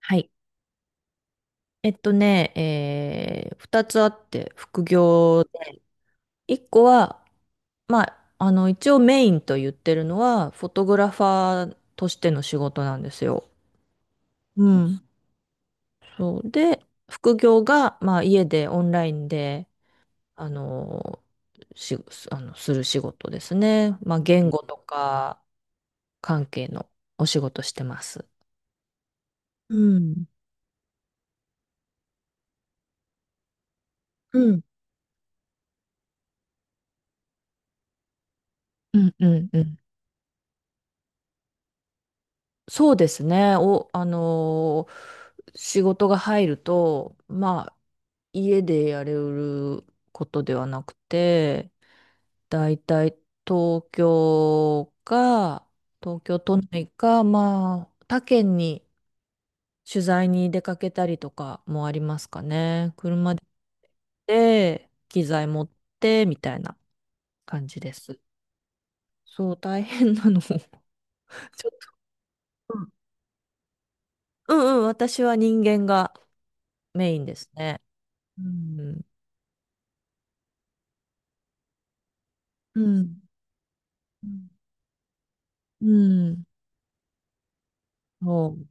はい。えっとね、えー、二つあって、副業で。一個は、まあ、一応メインと言ってるのは、フォトグラファーとしての仕事なんですよ。うん。そう。で、副業が、まあ、家でオンラインで、あの、し、あの、する仕事ですね。まあ、言語とか関係のお仕事してます。うん。うん。うん、うん、うん。そうですね。お、あのー仕事が入ると、まあ、家でやれることではなくて、だいたい東京か、東京都内か、まあ、他県に取材に出かけたりとかもありますかね。車で行って機材持って、みたいな感じです。そう、大変なの。ちょっと、うんうん、私は人間がメインですね。うん。うん。うん。うん。そう。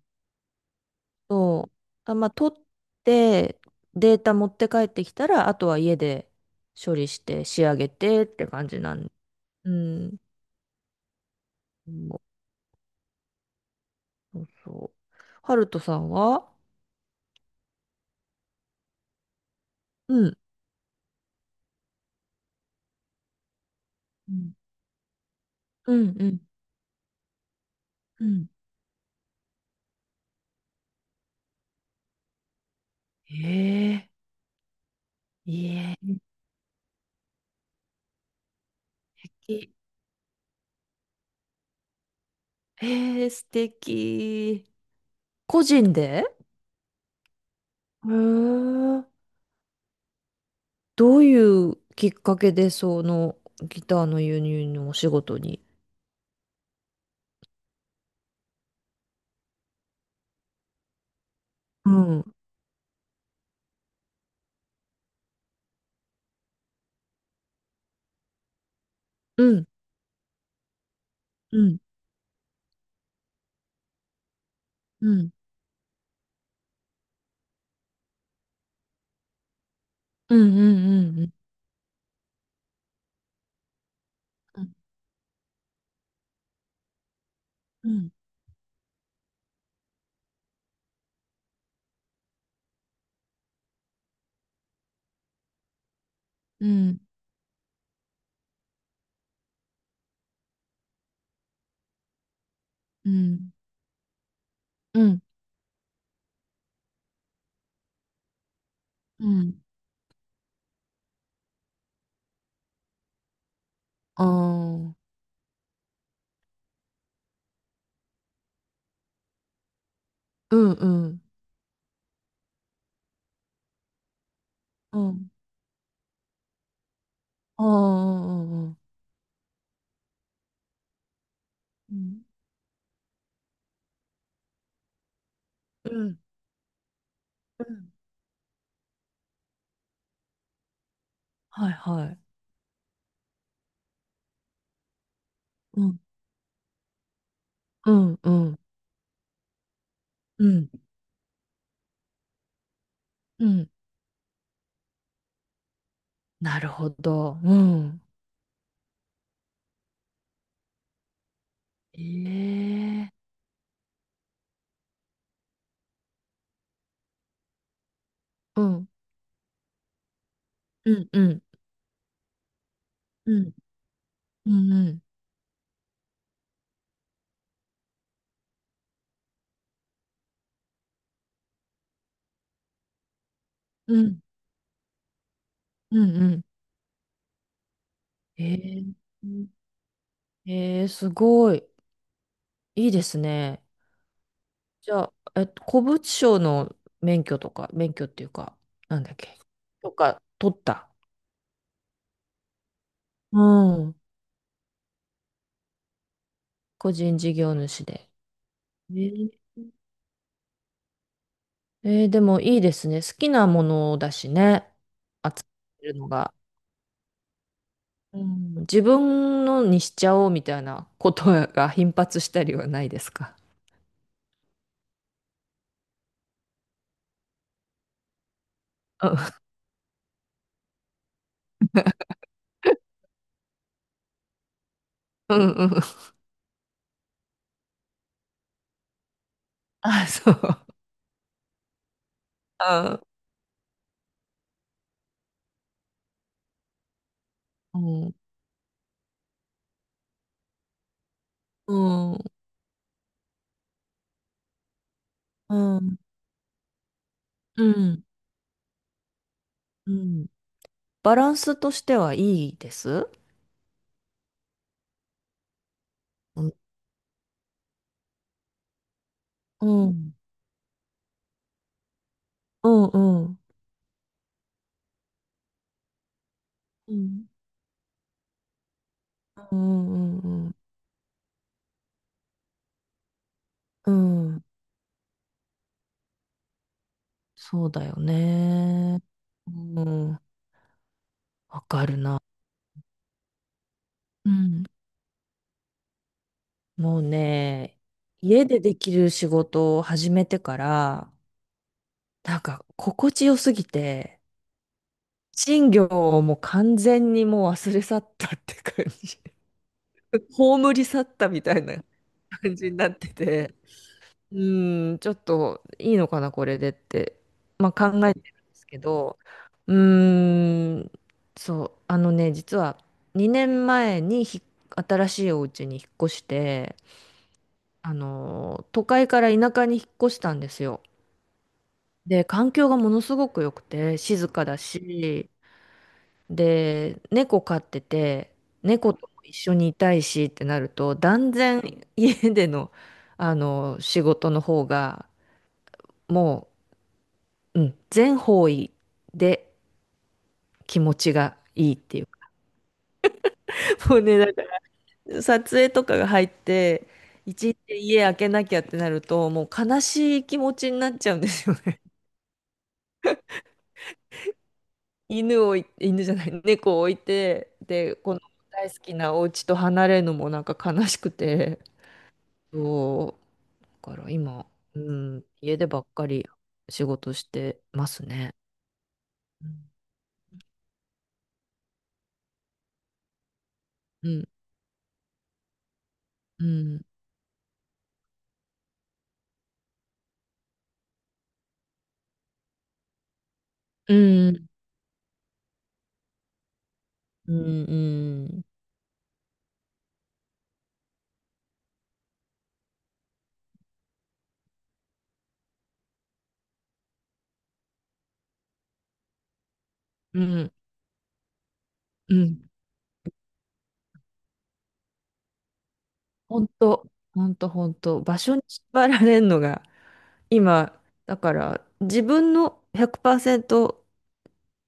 そう、まあ、取って、データ持って帰ってきたら、あとは家で処理して仕上げてって感じなんで。うん。そうそうそう。ハルトさんは。うん。うんうんうん。うん。ええ、いいえ、きええ、素敵。個人で。へえ。どういうきっかけでそのギターの輸入のお仕事に。うん。うん。うん。うん。うん。うん。うん。うん。うん。うん。うん。うん。ああ。うん。うん。うん。ああ。うん。うん。うん。はいはい。うん。うん。うん。うん。うん。なるほど。うん。ええ。うん。うん。うん。うん。うん。うん。うん。うんうん。ええ。ええ、すごい。いいですね。じゃあ、古物商の免許とか、免許っていうか、なんだっけ、とか、取った。うん。個人事業主で。えー、でもいいですね。好きなものだしね。集めるのが。うん、自分のにしちゃおうみたいなことが頻発したりはないですか？ うんうんうん。あ、そう。うん。うん。うん。うん。うん。バランスとしてはいいです。うん。うんうんうん。うん。うんうんうん。うん。そうだよね。うん。わかるな。うん。もうね、家でできる仕事を始めてから、なんか心地よすぎて、賃料をもう完全にもう忘れ去ったって感じ。葬り去ったみたいな感じになってて。うーん、ちょっといいのかな、これでって、まあ、考えてるんですけど、うーん、そう、あのね、実は2年前に新しいお家に引っ越して、都会から田舎に引っ越したんですよ。で、環境がものすごく良くて、静かだし、で、猫飼ってて、猫とも一緒にいたいしってなると、断然家での、仕事の方が、もう、うん、全方位で気持ちがいいっていう。もうね、なんか撮影とかが入って、一日家開けなきゃってなると、もう悲しい気持ちになっちゃうんですよね。犬を犬じゃない、猫を置いて、で、この大好きなお家と離れるのもなんか悲しくて、そう、だから今、うん、家でばっかり仕事してますね。うん、うん、うん、うん、うん、うん、うん。うん。本当、本当、本当、場所に縛られるのが、今、だから、自分の100%、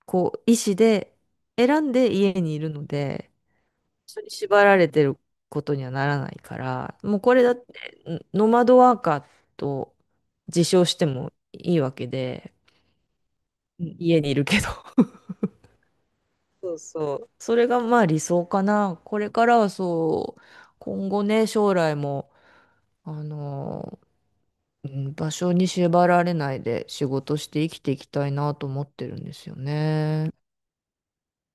こう、意思で選んで家にいるので、人に縛られてることにはならないから、もうこれだって、ノマドワーカーと自称してもいいわけで、うん、家にいるけど。そうそう。それがまあ理想かな。これからはそう、今後ね、将来も、あのうん、場所に縛られないで仕事して生きていきたいなと思ってるんですよね。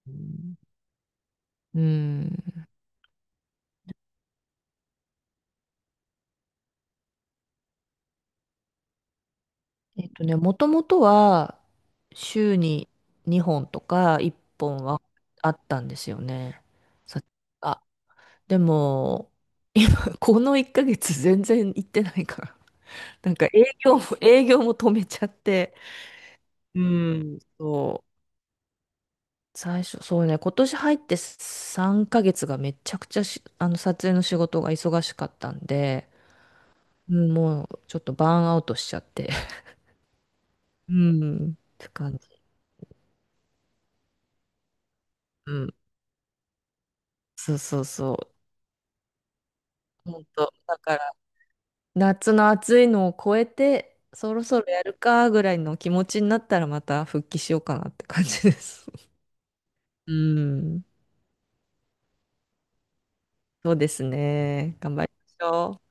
うん。うん。もともとは週に2本とか1本はあったんですよね。さあ、でも、今、この1ヶ月全然行ってないから。なんか営業も、止めちゃって。うん、そう。最初、そうね、今年入って3ヶ月がめちゃくちゃし、あの、撮影の仕事が忙しかったんで、うん、もうちょっとバーンアウトしちゃって。うん。って感じ。うん。そうそうそう。本当だから、夏の暑いのを超えて、そろそろやるかぐらいの気持ちになったらまた復帰しようかなって感じです。うん。そうですね。頑張りましょう。